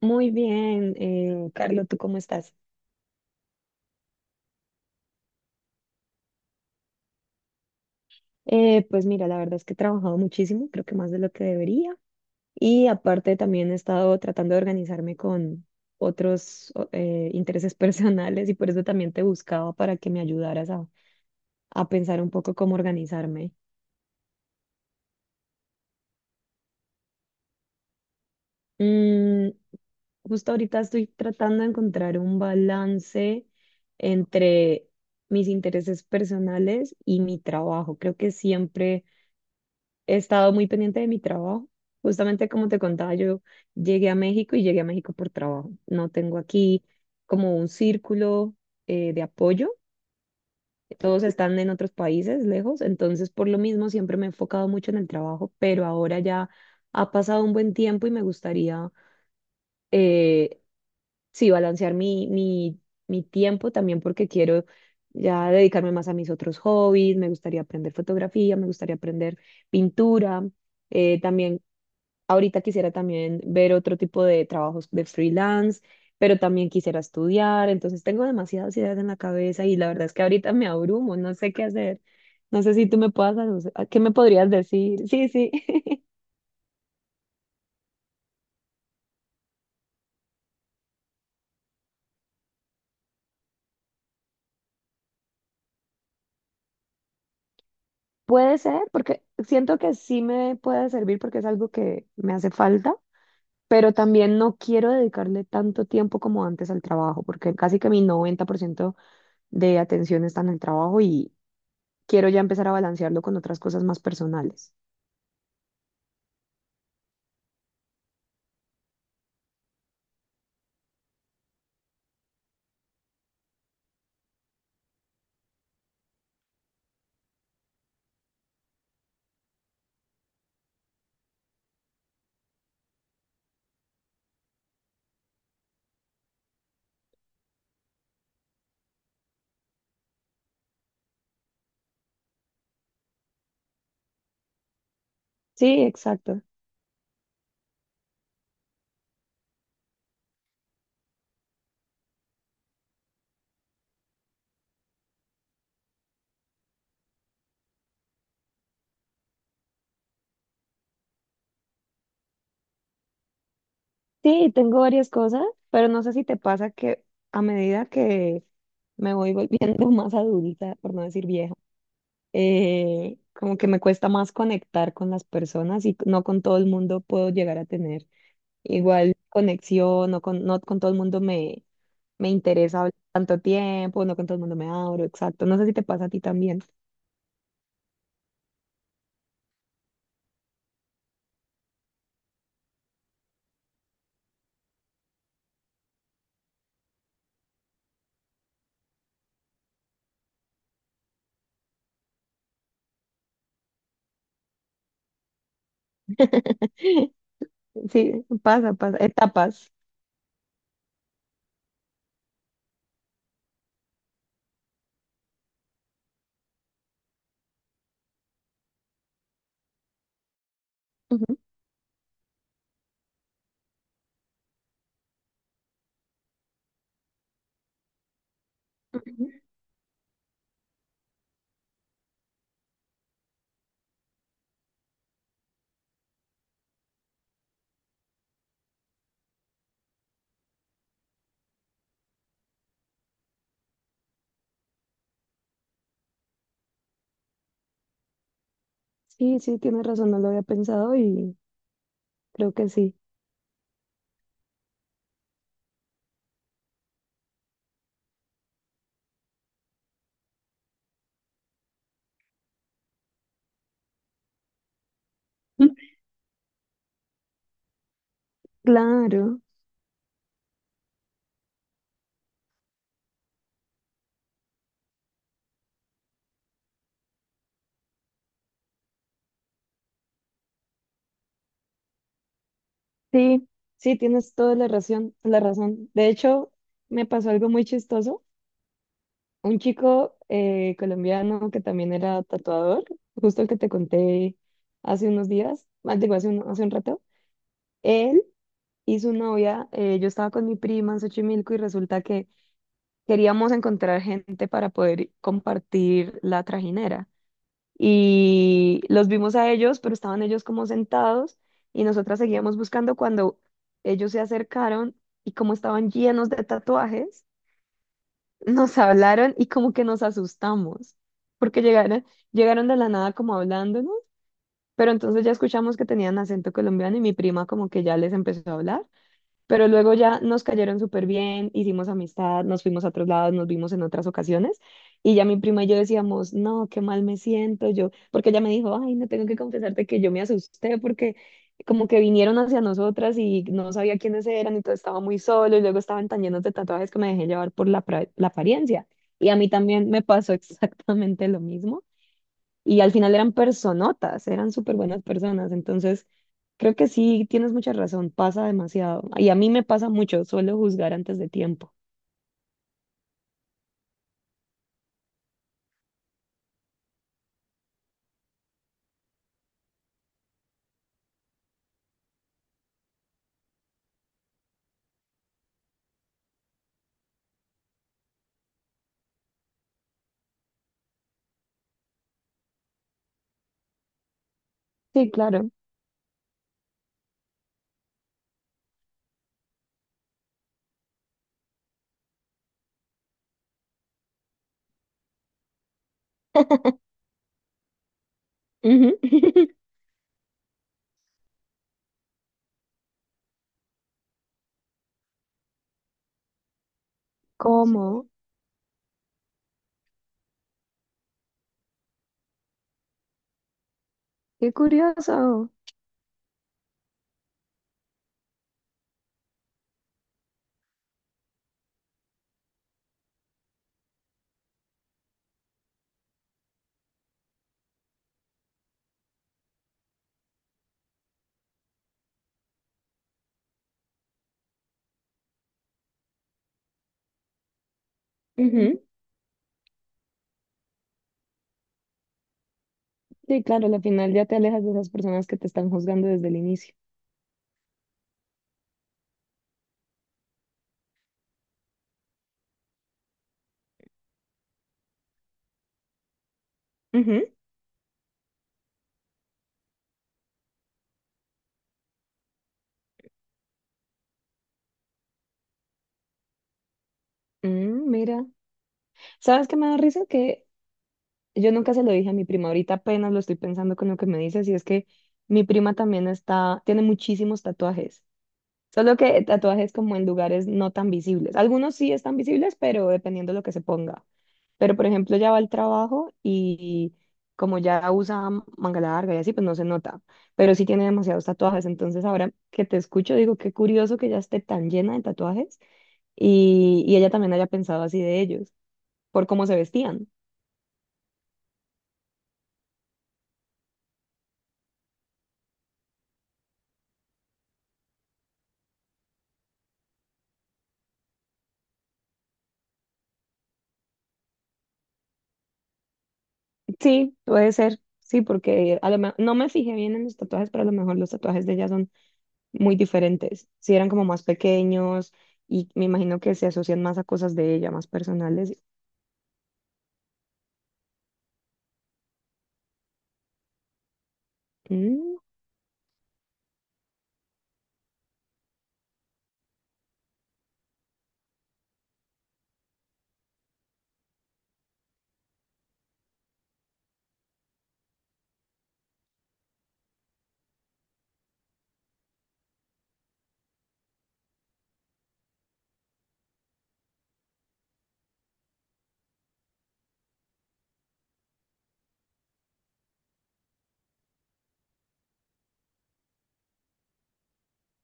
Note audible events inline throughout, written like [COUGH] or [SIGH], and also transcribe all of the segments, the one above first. Muy bien, Carlos, ¿tú cómo estás? Pues mira, la verdad es que he trabajado muchísimo, creo que más de lo que debería. Y aparte también he estado tratando de organizarme con intereses [LAUGHS] personales y por eso también te buscaba para que me ayudaras a pensar un poco cómo organizarme. Mm, Justo ahorita estoy tratando de encontrar un balance entre mis intereses personales y mi trabajo. Creo que siempre he estado muy pendiente de mi trabajo. Justamente como te contaba, yo llegué a México y llegué a México por trabajo. No tengo aquí como un círculo de apoyo. Todos están en otros países lejos, entonces por lo mismo siempre me he enfocado mucho en el trabajo, pero ahora ya ha pasado un buen tiempo y me gustaría, eh, sí, balancear mi tiempo también porque quiero ya dedicarme más a mis otros hobbies, me gustaría aprender fotografía, me gustaría aprender pintura. También Ahorita quisiera también ver otro tipo de trabajos de freelance, pero también quisiera estudiar. Entonces tengo demasiadas ideas en la cabeza y la verdad es que ahorita me abrumo, no sé qué hacer. No sé si tú me puedas, alu- ¿qué me podrías decir? Sí, sí. [LAUGHS] Puede ser, porque siento que sí me puede servir porque es algo que me hace falta, pero también no quiero dedicarle tanto tiempo como antes al trabajo, porque casi que mi 90% de atención está en el trabajo y quiero ya empezar a balancearlo con otras cosas más personales. Sí, exacto. Sí, tengo varias cosas, pero no sé si te pasa que a medida que me voy volviendo [LAUGHS] más adulta, por no decir vieja, como que me cuesta más conectar con las personas y no con todo el mundo puedo llegar a tener igual conexión, no con todo el mundo me interesa hablar tanto tiempo, no con todo el mundo me abro, exacto. No sé si te pasa a ti también. [LAUGHS] Sí, pasa, pasa, etapas. Ujú. Sí, sí, tienes razón, no lo había pensado y creo que sí. [LAUGHS] Claro, sí, sí, tienes toda la razón, la razón. De hecho, me pasó algo muy chistoso. Un chico colombiano que también era tatuador, justo el que te conté hace unos días, ah, digo, hace un rato, él y su novia, yo estaba con mi prima en Xochimilco y resulta que queríamos encontrar gente para poder compartir la trajinera. Y los vimos a ellos, pero estaban ellos como sentados y nosotras seguíamos buscando cuando ellos se acercaron y como estaban llenos de tatuajes, nos hablaron y como que nos asustamos porque llegaron de la nada como hablándonos, pero entonces ya escuchamos que tenían acento colombiano y mi prima como que ya les empezó a hablar, pero luego ya nos cayeron súper bien, hicimos amistad, nos fuimos a otros lados, nos vimos en otras ocasiones. Y ya mi prima y yo decíamos, no, qué mal me siento yo, porque ella me dijo, ay, no tengo que confesarte que yo me asusté porque como que vinieron hacia nosotras y no sabía quiénes eran, entonces estaba muy solo y luego estaban tan llenos de tatuajes que me dejé llevar por la apariencia. Y a mí también me pasó [LAUGHS] exactamente lo mismo. Y al final eran personotas, eran súper buenas personas. Entonces, creo que sí, tienes mucha razón, pasa demasiado. Y a mí me pasa mucho, suelo juzgar antes de tiempo. Sí, claro. Ujú. ¿Cómo? Qué curioso. Ujú. Sí, claro, al final ya te alejas de esas personas que te están juzgando desde el inicio. Ujú. Mm, mira. ¿Sabes qué me da risa? Que yo nunca se lo dije a mi prima, ahorita apenas lo estoy pensando con lo que me dices, y es que mi prima también está, tiene muchísimos tatuajes. Solo que tatuajes como en lugares no tan visibles. Algunos sí están visibles, pero dependiendo de lo que se ponga. Pero por ejemplo, ya va al trabajo y como ya usa manga larga y así, pues no se nota. Pero sí tiene demasiados tatuajes. Entonces ahora que te escucho, digo, qué curioso que ya esté tan llena de tatuajes y ella también haya pensado así de ellos, por cómo se vestían. Sí, puede ser. Sí, porque a lo me- no me fijé bien en los tatuajes, pero a lo mejor los tatuajes de ella son muy diferentes. Si eran como más pequeños y me imagino que se asocian más a cosas de ella, más personales. Mm,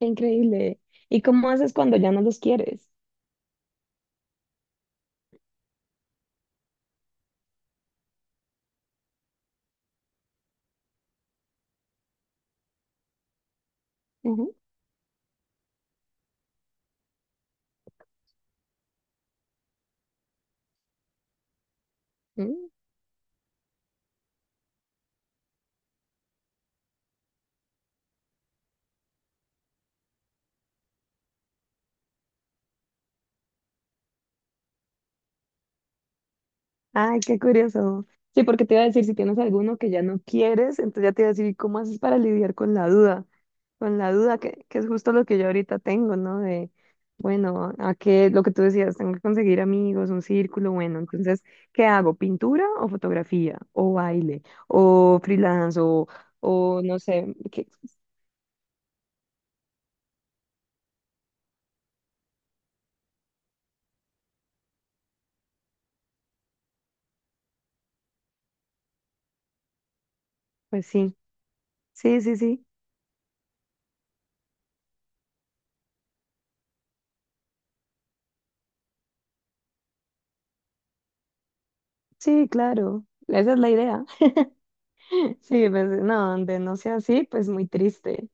qué increíble. ¿Y cómo haces cuando ya no los quieres? Ujú. Ay, qué curioso. Sí, porque te iba a decir, si tienes alguno que ya no quieres, entonces ya te iba a decir, ¿y cómo haces para lidiar con la duda? Con la duda, que es justo lo que yo ahorita tengo, ¿no? De, bueno, a qué, lo que tú decías, tengo que conseguir amigos, un círculo, bueno, entonces, ¿qué hago? ¿Pintura o fotografía? ¿O baile? ¿O freelance? O no sé? ¿Qué? Pues sí, sí, sí, sí, sí, claro, esa es la idea. [LAUGHS] Sí, pues no, donde no sea así, pues muy triste.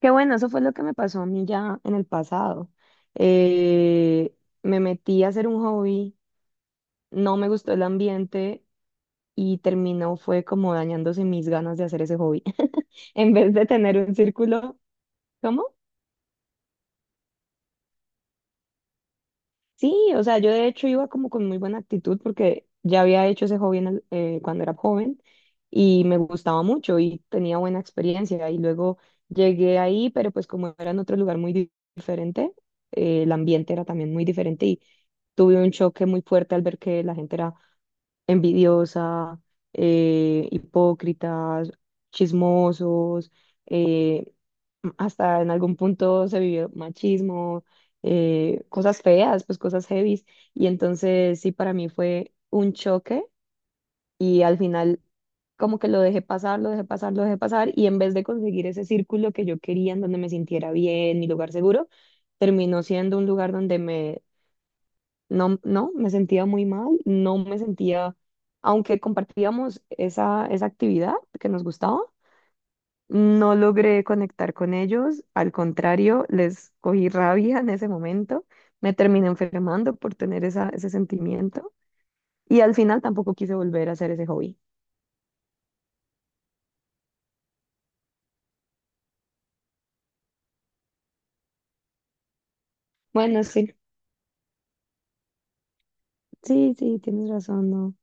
Qué bueno, eso fue lo que me pasó a mí ya en el pasado. Eh, Me metí a hacer un hobby, no me gustó el ambiente y terminó fue como dañándose mis ganas de hacer ese hobby. [LAUGHS] En vez de tener un círculo, ¿cómo? Sí, o sea, yo de hecho iba como con muy buena actitud porque ya había hecho ese hobby cuando era joven y me gustaba mucho y tenía buena experiencia y luego llegué ahí, pero pues como era en otro lugar diferente, el ambiente era también muy diferente y tuve un choque muy fuerte al ver que la gente era envidiosa, hipócritas, chismosos, eh, hasta en algún punto se vivió machismo, cosas feas, pues cosas heavies. Y entonces sí, para mí fue un choque y al final como que lo dejé pasar, lo dejé pasar, lo dejé pasar y en vez de conseguir ese círculo que yo quería, en donde me sintiera bien, mi lugar seguro, terminó siendo un lugar donde me no, no, me sentía muy mal, no me sentía, aunque compartíamos esa actividad que nos gustaba, no logré conectar con ellos, al contrario, les cogí rabia en ese momento, me terminé enfermando por tener ese sentimiento y al final tampoco quise volver a hacer ese hobby. Bueno, sí, sí, sí, tienes razón, no.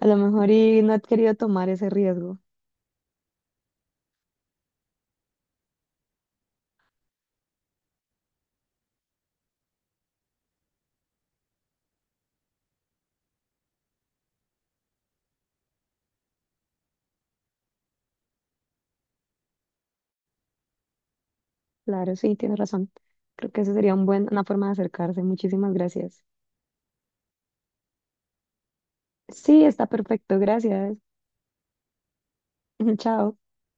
A lo mejor y no he querido tomar ese riesgo. Claro, sí, tienes razón. Creo que eso sería un buen, una forma de acercarse. Muchísimas gracias. Sí, está perfecto, gracias. [LAUGHS] Chao.